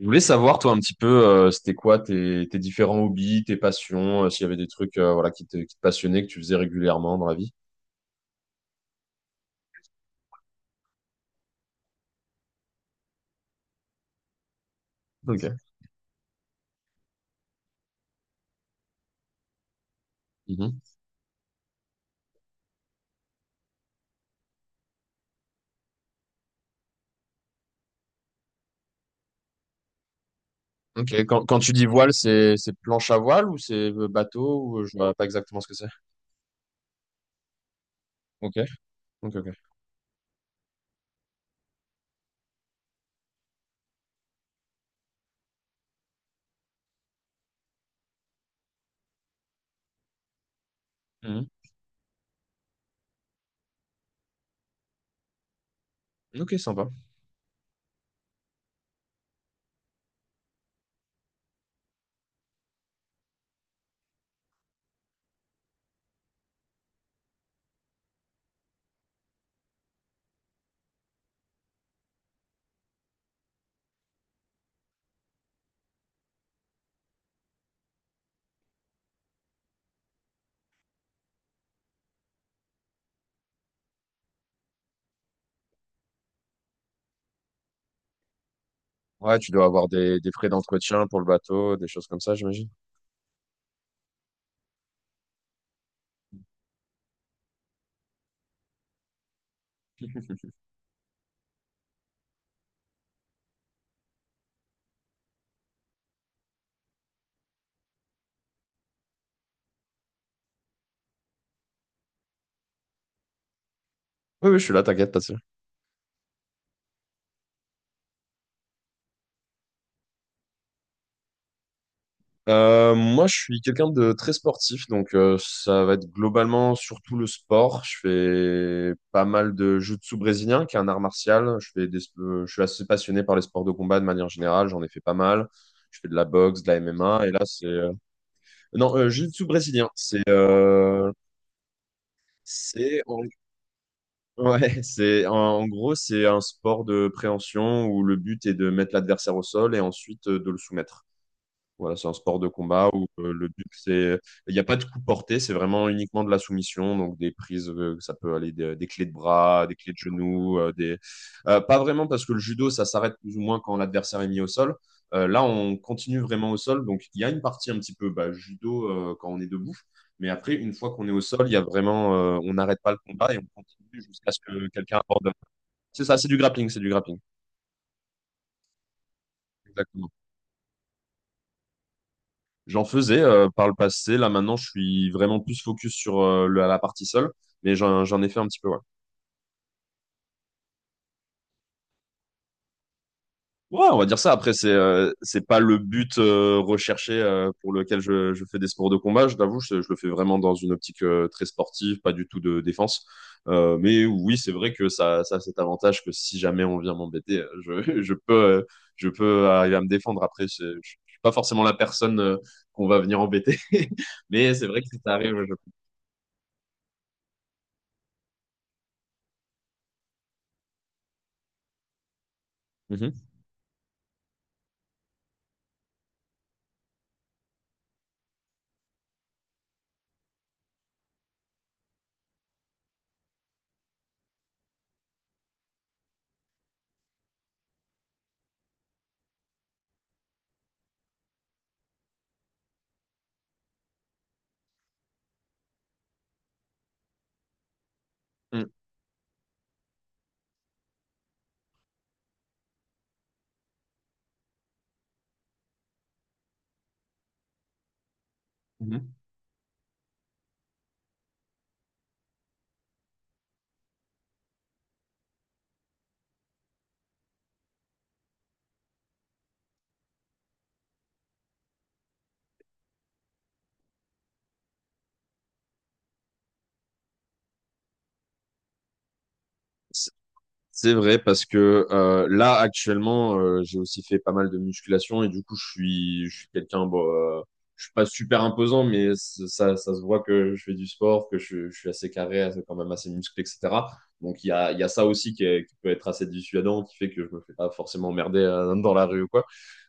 Je voulais savoir, toi, un petit peu, c'était quoi tes différents hobbies, tes passions, s'il y avait des trucs voilà, qui te passionnaient, que tu faisais régulièrement dans la vie. Ok. Mhm. Ok. Quand tu dis voile, c'est planche à voile ou c'est bateau ou je vois pas exactement ce que c'est. Ok. Ok, ok. Mhm. Ok, sympa. Ouais, tu dois avoir des frais d'entretien pour le bateau, des choses comme ça, j'imagine. Oui, oui, je suis là, t'inquiète, pas. Moi, je suis quelqu'un de très sportif, donc ça va être globalement surtout le sport. Je fais pas mal de jiu-jitsu brésilien, qui est un art martial. Je fais je suis assez passionné par les sports de combat de manière générale. J'en ai fait pas mal. Je fais de la boxe, de la MMA, et là c'est non jiu-jitsu brésilien. C'est en... ouais, c'est en gros c'est un sport de préhension où le but est de mettre l'adversaire au sol et ensuite de le soumettre. Voilà, c'est un sport de combat où le but, c'est... Il n'y a pas de coup porté, c'est vraiment uniquement de la soumission, donc des prises, ça peut aller des clés de bras, des clés de genoux, des... pas vraiment parce que le judo, ça s'arrête plus ou moins quand l'adversaire est mis au sol. Là, on continue vraiment au sol, donc il y a une partie un petit peu bah, judo quand on est debout, mais après, une fois qu'on est au sol, il y a vraiment... on n'arrête pas le combat et on continue jusqu'à ce que quelqu'un aborde. C'est ça, c'est du grappling, c'est du grappling. Exactement. J'en faisais par le passé. Là, maintenant, je suis vraiment plus focus sur la partie seule, mais j'en ai fait un petit peu. Ouais. Ouais, on va dire ça. Après, c'est pas le but recherché pour lequel je fais des sports de combat. Je t'avoue, je le fais vraiment dans une optique très sportive, pas du tout de défense. Mais oui, c'est vrai que ça a cet avantage que si jamais on vient m'embêter, je, je peux arriver à me défendre. Après, je suis pas forcément la personne qu'on va venir embêter, mais c'est vrai que si ça arrive, je... Mhm. Mhm. C'est vrai parce que là actuellement j'ai aussi fait pas mal de musculation et du coup je suis quelqu'un bon je suis pas super imposant mais ça ça se voit que je fais du sport que je suis assez carré quand même assez musclé etc donc il y a ça aussi qui peut être assez dissuadant qui fait que je me fais pas forcément emmerder dans la rue ou quoi.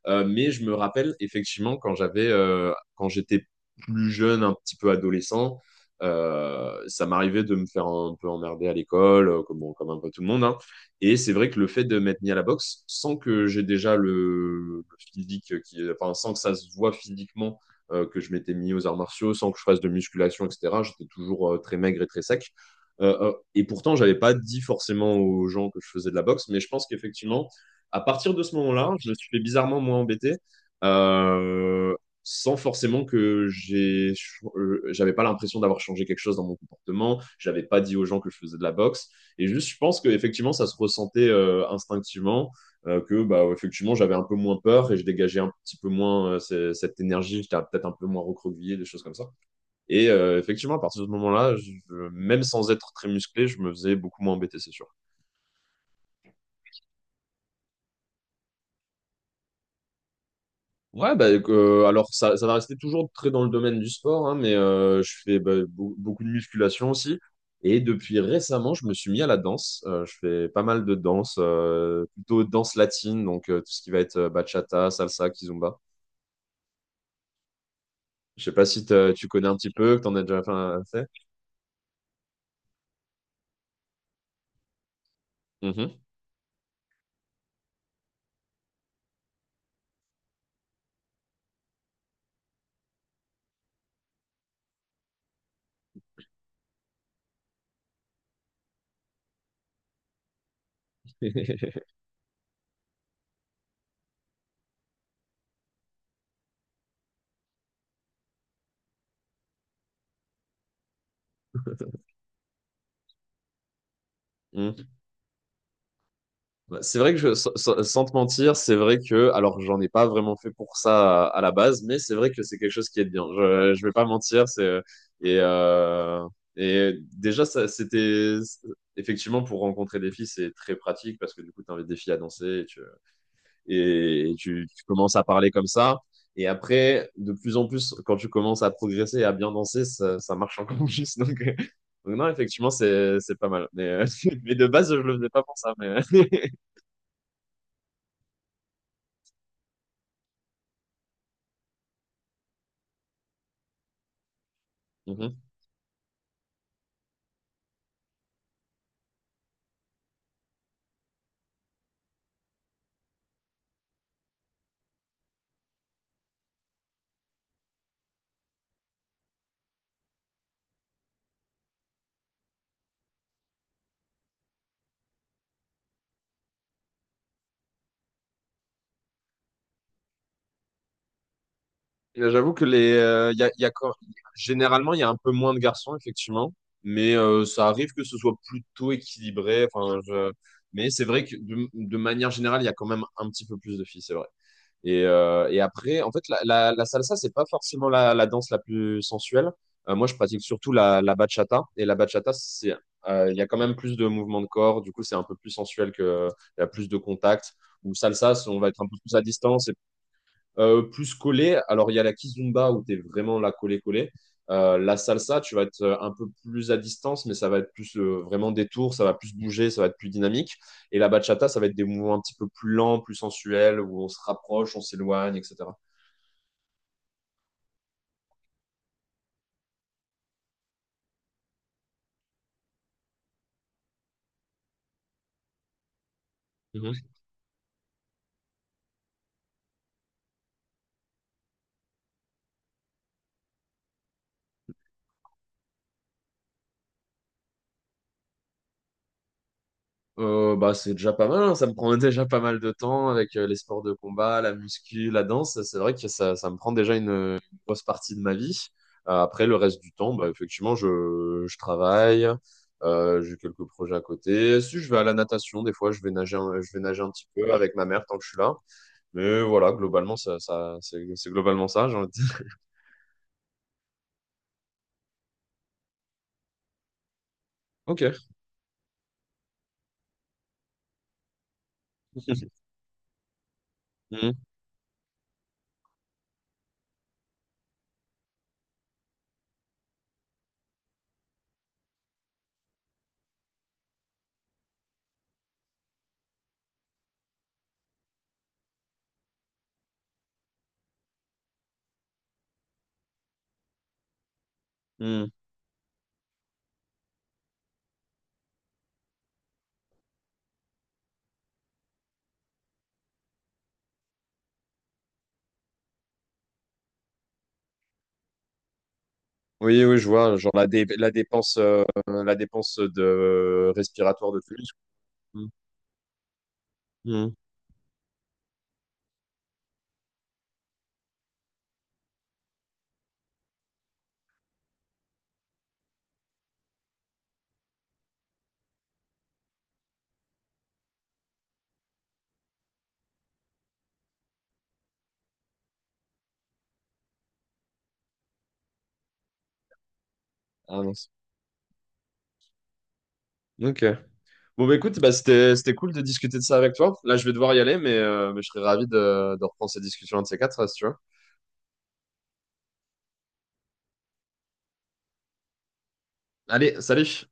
Mais je me rappelle effectivement quand j'avais quand j'étais plus jeune un petit peu adolescent ça m'arrivait de me faire un peu emmerder à l'école comme comme un peu tout le monde hein. Et c'est vrai que le fait de m'être mis à la boxe, sans que j'ai déjà le physique, qui, enfin, sans que ça se voit physiquement que je m'étais mis aux arts martiaux, sans que je fasse de musculation, etc., j'étais toujours très maigre et très sec. Et pourtant, j'avais pas dit forcément aux gens que je faisais de la boxe, mais je pense qu'effectivement, à partir de ce moment-là, je me suis fait bizarrement moins embêté, euh, sans forcément que j'ai, j'avais pas l'impression d'avoir changé quelque chose dans mon comportement. J'avais pas dit aux gens que je faisais de la boxe. Et juste, je pense qu'effectivement, ça se ressentait instinctivement, que bah, effectivement, j'avais un peu moins peur et je dégageais un petit peu moins cette énergie, j'étais peut-être un peu moins recroquevillé, des choses comme ça. Et effectivement, à partir de ce moment-là, même sans être très musclé, je me faisais beaucoup moins embêter, c'est sûr. Ouais, bah, alors ça va rester toujours très dans le domaine du sport, hein, mais je fais bah, beaucoup de musculation aussi. Et depuis récemment, je me suis mis à la danse. Je fais pas mal de danse, plutôt danse latine, donc tout ce qui va être bachata, salsa, kizomba. Je sais pas si tu connais un petit peu, que t'en as déjà fait. Fait. Mhm. Mhm. Bah, c'est vrai que sans te mentir, c'est vrai que, alors j'en ai pas vraiment fait pour ça à la base, mais c'est vrai que c'est quelque chose qui est bien. Je vais pas mentir, c'est et euh, et déjà ça c'était effectivement pour rencontrer des filles, c'est très pratique parce que du coup tu invites des filles à danser et tu et tu commences à parler comme ça. Et après, de plus en plus, quand tu commences à progresser et à bien danser, ça marche encore plus. Donc non, effectivement, c'est pas mal. Mais, mais de base, je le faisais pas pour ça. Mais... Mhm. Et j'avoue que les, y a généralement, il y a un peu moins de garçons, effectivement, mais ça arrive que ce soit plutôt équilibré. Enfin, je- Mais c'est vrai que de manière générale, il y a quand même un petit peu plus de filles, c'est vrai. Et après, en fait, la salsa, c'est pas forcément la danse la plus sensuelle. Moi, je pratique surtout la bachata. Et la bachata, c'est, il y a quand même plus de mouvements de corps. Du coup, c'est un peu plus sensuel que, il y a plus de contact. Ou salsa, on va être un peu plus à distance. Plus collé, alors il y a la kizomba où tu es vraiment là collé-collé. La salsa, tu vas être un peu plus à distance, mais ça va être plus vraiment des tours, ça va plus bouger, ça va être plus dynamique. Et la bachata, ça va être des mouvements un petit peu plus lents, plus sensuels, où on se rapproche, on s'éloigne, etc. Bah, c'est déjà pas mal, hein. Ça me prend déjà pas mal de temps avec les sports de combat, la muscu, la danse. C'est vrai que ça me prend déjà une grosse partie de ma vie. Après, le reste du temps, bah, effectivement, je travaille, j'ai quelques projets à côté. Si je vais à la natation, des fois, je vais nager, je vais nager un petit peu avec ma mère tant que je suis là. Mais voilà, globalement, c'est globalement ça, j'ai envie de dire. Ok. Mhm. Mhm. Oui, oui, je vois, genre la dépense de respiratoire de plus. Ah mince. Ok. Bon, bah écoute, bah, c'était cool de discuter de ça avec toi. Là, je vais devoir y aller, mais je serais ravi de reprendre cette discussion un de ces quatre, si tu veux. Allez, salut!